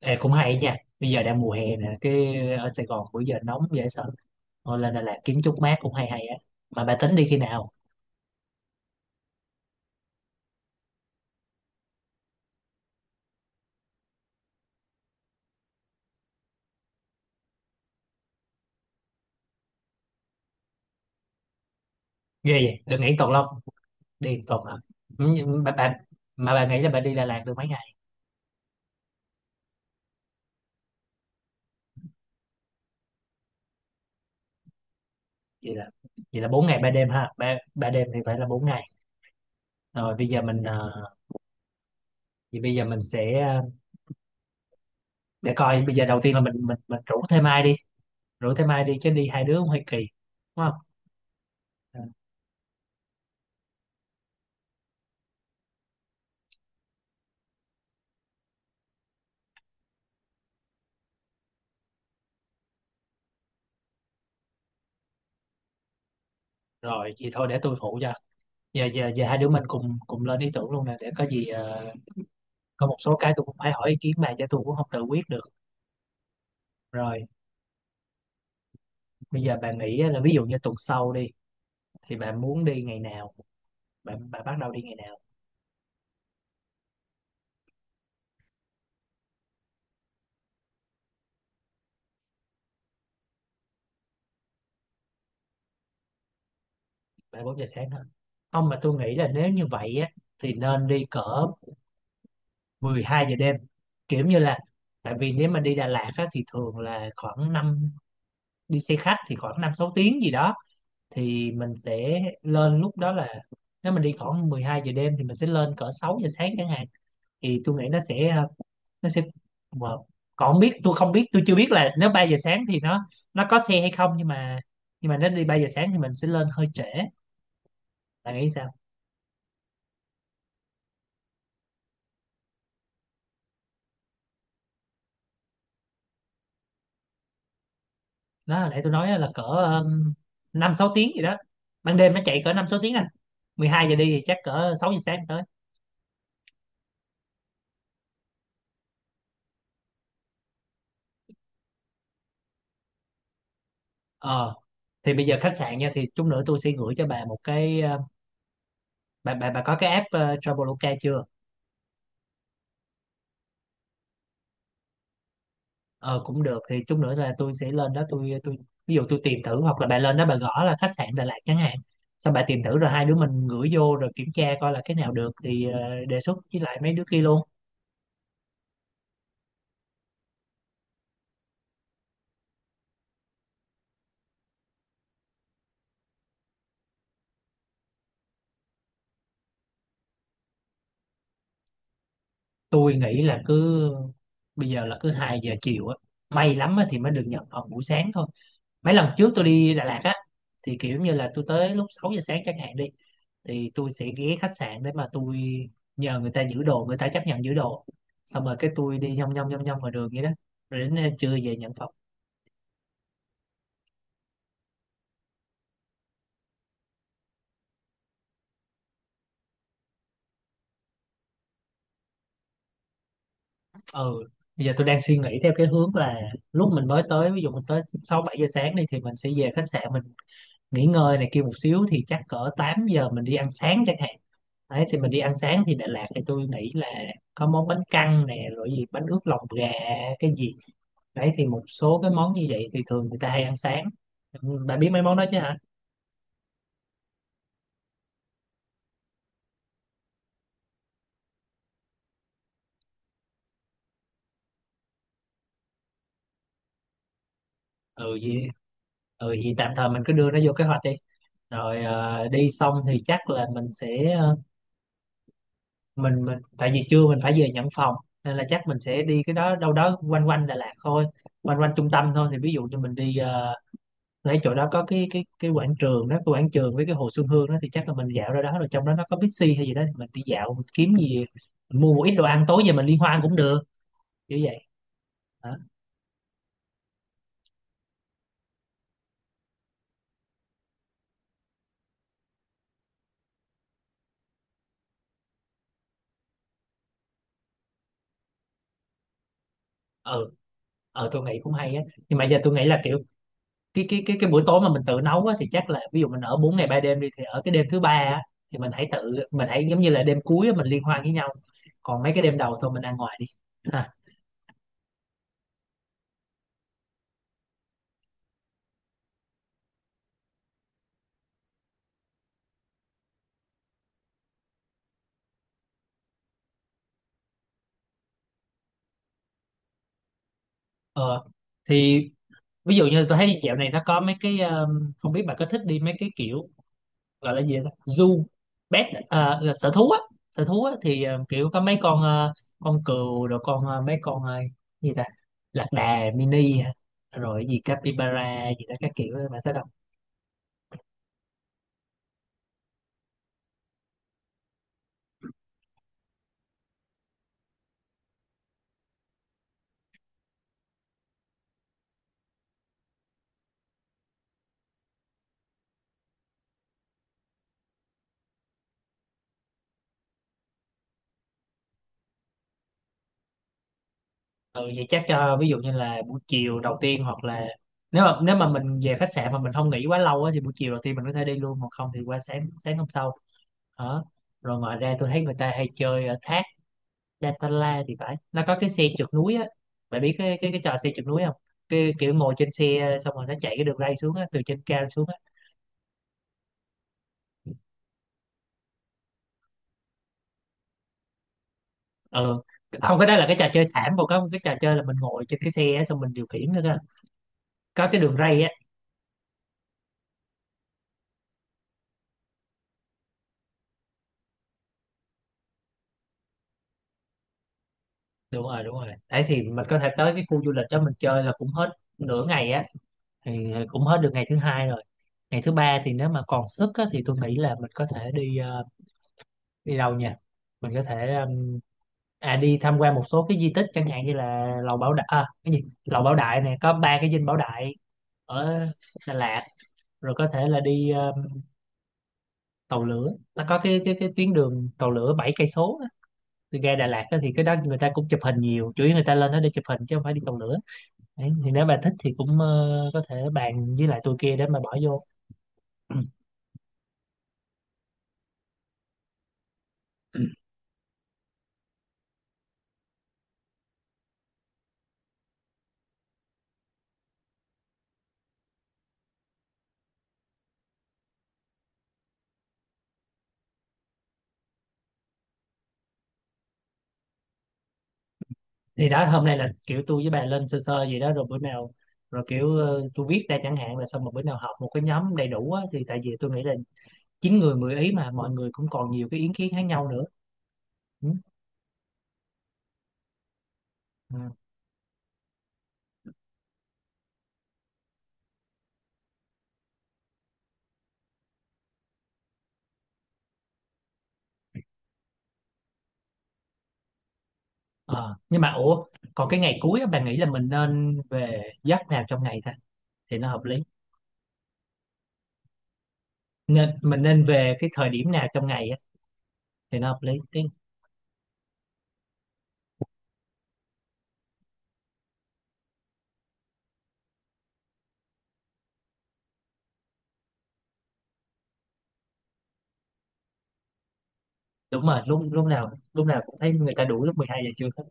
Ê, cũng hay nha. Bây giờ đang mùa hè nè, cái ở Sài Gòn bữa giờ nóng dễ sợ. Thôi lên Đà Lạt kiếm chút mát cũng hay hay á. Mà bà tính đi khi nào? Ghê vậy đừng nghĩ tuần lông, đi một tuần hả? Ừ, nhưng bà, mà bà nghĩ là bà đi Đà Lạt được mấy ngày? vậy là Vậy là 4 ngày 3 đêm ha, ba ba đêm thì phải là bốn ngày. Rồi bây giờ mình thì bây giờ mình sẽ để coi. Bây giờ đầu tiên là mình rủ thêm ai đi, rủ thêm ai đi chứ đi hai đứa cũng hơi kỳ, đúng không? Ừ, rồi vậy thôi để tôi phụ cho. Giờ giờ giờ hai đứa mình cùng cùng lên ý tưởng luôn nè, để có gì có một số cái tôi cũng phải hỏi ý kiến bà chứ tôi cũng không tự quyết được. Rồi bây giờ bà nghĩ á, là ví dụ như tuần sau đi thì bà muốn đi ngày nào? Bà bắt đầu đi ngày nào? Bà 4 giờ sáng hả? Không, mà tôi nghĩ là nếu như vậy á thì nên đi cỡ 12 giờ đêm, kiểu như là, tại vì nếu mà đi Đà Lạt á, thì thường là khoảng năm, đi xe khách thì khoảng 5 6 tiếng gì đó. Thì mình sẽ lên lúc đó là, nếu mình đi khoảng 12 giờ đêm thì mình sẽ lên cỡ 6 giờ sáng chẳng hạn. Thì tôi nghĩ nó sẽ nó sẽ, mà còn không biết, tôi chưa biết là nếu 3 giờ sáng thì nó có xe hay không, nhưng mà nếu đi 3 giờ sáng thì mình sẽ lên hơi trễ. Bạn nghĩ sao? Đó hồi nãy tôi nói là cỡ 5 6 tiếng gì đó, ban đêm nó chạy cỡ 5 6 tiếng à, 12 giờ đi thì chắc cỡ 6 giờ sáng tới. ờ thì bây giờ khách sạn nha, thì chút nữa tôi sẽ gửi cho bà một cái bà có cái app Traveloka chưa? Ờ cũng được, thì chút nữa là tôi sẽ lên đó, tôi ví dụ tôi tìm thử, hoặc là bà lên đó bà gõ là khách sạn Đà Lạt chẳng hạn, xong bà tìm thử rồi hai đứa mình gửi vô rồi kiểm tra coi là cái nào được thì đề xuất với lại mấy đứa kia luôn. Tôi nghĩ là cứ, bây giờ là cứ 2 giờ chiều á, may lắm á thì mới được nhận phòng buổi sáng thôi. Mấy lần trước tôi đi Đà Lạt á, thì kiểu như là tôi tới lúc 6 giờ sáng chẳng hạn đi, thì tôi sẽ ghé khách sạn để mà tôi nhờ người ta giữ đồ, người ta chấp nhận giữ đồ, xong rồi cái tôi đi nhông nhông nhông nhông ngoài đường vậy đó, rồi đến trưa về nhận phòng. Ừ, bây giờ tôi đang suy nghĩ theo cái hướng là lúc mình mới tới, ví dụ mình tới 6 7 giờ sáng đi, thì mình sẽ về khách sạn, mình nghỉ ngơi này kia một xíu, thì chắc cỡ 8 giờ mình đi ăn sáng chẳng hạn. Đấy thì mình đi ăn sáng thì Đà Lạt thì tôi nghĩ là có món bánh căn nè, rồi gì bánh ướt lòng gà cái gì, đấy thì một số cái món như vậy thì thường người ta hay ăn sáng. Ừ, bà biết mấy món đó chứ hả? ừ vậy ừ vậy tạm thời mình cứ đưa nó vô kế hoạch đi, rồi đi xong thì chắc là mình sẽ mình, tại vì trưa mình phải về nhận phòng, nên là chắc mình sẽ đi cái đó đâu đó quanh quanh Đà Lạt thôi, quanh quanh trung tâm thôi. Thì ví dụ như mình đi lấy chỗ đó có cái cái quảng trường đó, cái quảng trường với cái hồ Xuân Hương đó, thì chắc là mình dạo ra đó, rồi trong đó nó có Bixi hay gì đó thì mình đi dạo, mình kiếm gì, mình mua một ít đồ ăn tối về mình liên hoan cũng được, kiểu vậy hả? Ừ, tôi nghĩ cũng hay á, nhưng mà giờ tôi nghĩ là kiểu cái buổi tối mà mình tự nấu á, thì chắc là ví dụ mình ở 4 ngày 3 đêm đi thì ở cái đêm thứ ba á, thì mình hãy giống như là đêm cuối á, mình liên hoan với nhau, còn mấy cái đêm đầu thôi mình ăn ngoài đi, ha? Ờ thì ví dụ như tôi thấy dạo này nó có mấy cái không biết bạn có thích đi mấy cái kiểu gọi là gì đó, zoo pet à, là sở thú á? Thì kiểu có mấy con con cừu, rồi con mấy con gì ta, lạc đà mini hả? Rồi gì capybara gì đó các kiểu, bạn thấy đâu? Ừ, vậy chắc cho ví dụ như là buổi chiều đầu tiên, hoặc là nếu mà mình về khách sạn mà mình không nghỉ quá lâu á, thì buổi chiều đầu tiên mình có thể đi luôn, hoặc không thì qua sáng sáng hôm sau đó. Rồi ngoài ra tôi thấy người ta hay chơi ở thác Datanla thì phải, nó có cái xe trượt núi á. Bạn biết cái cái trò xe trượt núi không? Cái kiểu ngồi trên xe xong rồi nó chạy cái đường ray xuống á, từ trên cao xuống á. Ừ không, cái đó là cái trò chơi thảm, còn có một cái trò chơi là mình ngồi trên cái xe á, xong mình điều khiển nữa cơ, có cái đường ray á. Đúng rồi, đúng rồi, đấy thì mình có thể tới cái khu du lịch đó mình chơi là cũng hết nửa ngày á. Thì cũng hết được ngày thứ hai rồi. Ngày thứ ba thì nếu mà còn sức á, thì tôi nghĩ là mình có thể đi đi đâu nhỉ? Mình có thể à đi tham quan một số cái di tích chẳng hạn như là lầu Bảo Đại à, cái gì lầu Bảo Đại này có ba cái dinh Bảo Đại ở Đà Lạt. Rồi có thể là đi tàu lửa, nó có cái cái tuyến đường tàu lửa 7 cây số á. Từ ga Đà Lạt á, thì cái đó người ta cũng chụp hình nhiều, chủ yếu người ta lên đó để chụp hình chứ không phải đi tàu lửa. Đấy, thì nếu bà thích thì cũng có thể bàn với lại tôi kia để mà bỏ vô. Thì đó hôm nay là kiểu tôi với bà lên sơ sơ gì đó rồi bữa nào, rồi kiểu tôi viết ra chẳng hạn, là xong một bữa nào họp một cái nhóm đầy đủ á, thì tại vì tôi nghĩ là chín người mười ý, mà mọi người cũng còn nhiều cái ý kiến khác nhau nữa. Ừ. Ừ. Ờ, nhưng mà ủa, còn cái ngày cuối á, bà nghĩ là mình nên về giấc nào trong ngày ta, thì nó hợp lý? Mình nên về cái thời điểm nào trong ngày á, thì nó hợp lý? Cái đúng rồi, lúc lúc nào cũng thấy người ta đủ lúc 12 giờ trưa.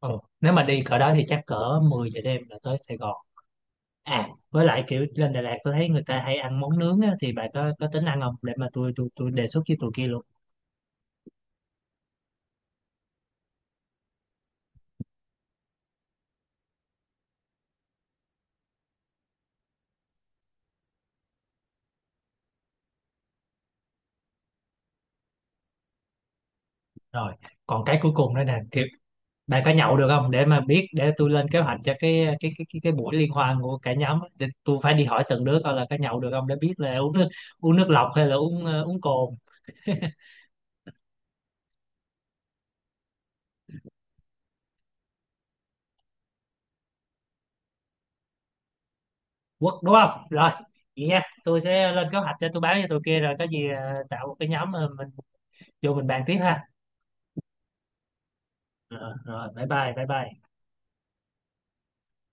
Ừ. Nếu mà đi cỡ đó thì chắc cỡ 10 giờ đêm là tới Sài Gòn. À, với lại kiểu lên Đà Lạt tôi thấy người ta hay ăn món nướng á, thì bà có tính ăn không? Để mà tôi đề xuất với tụi kia luôn. Rồi, còn cái cuối cùng đó nè, kiểu bà có nhậu được không? Để mà biết, để tôi lên kế hoạch cho cái buổi liên hoan của cả nhóm á. Để tôi phải đi hỏi từng đứa coi là có nhậu được không, để biết là uống nước lọc hay là uống uống cồn. Quất đúng không? Rồi, vậy nha. Tôi sẽ lên kế hoạch, cho tôi báo cho tụi kia rồi có gì tạo một cái nhóm, mình vô mình bàn tiếp ha. Ờ, rồi bye bye bye bye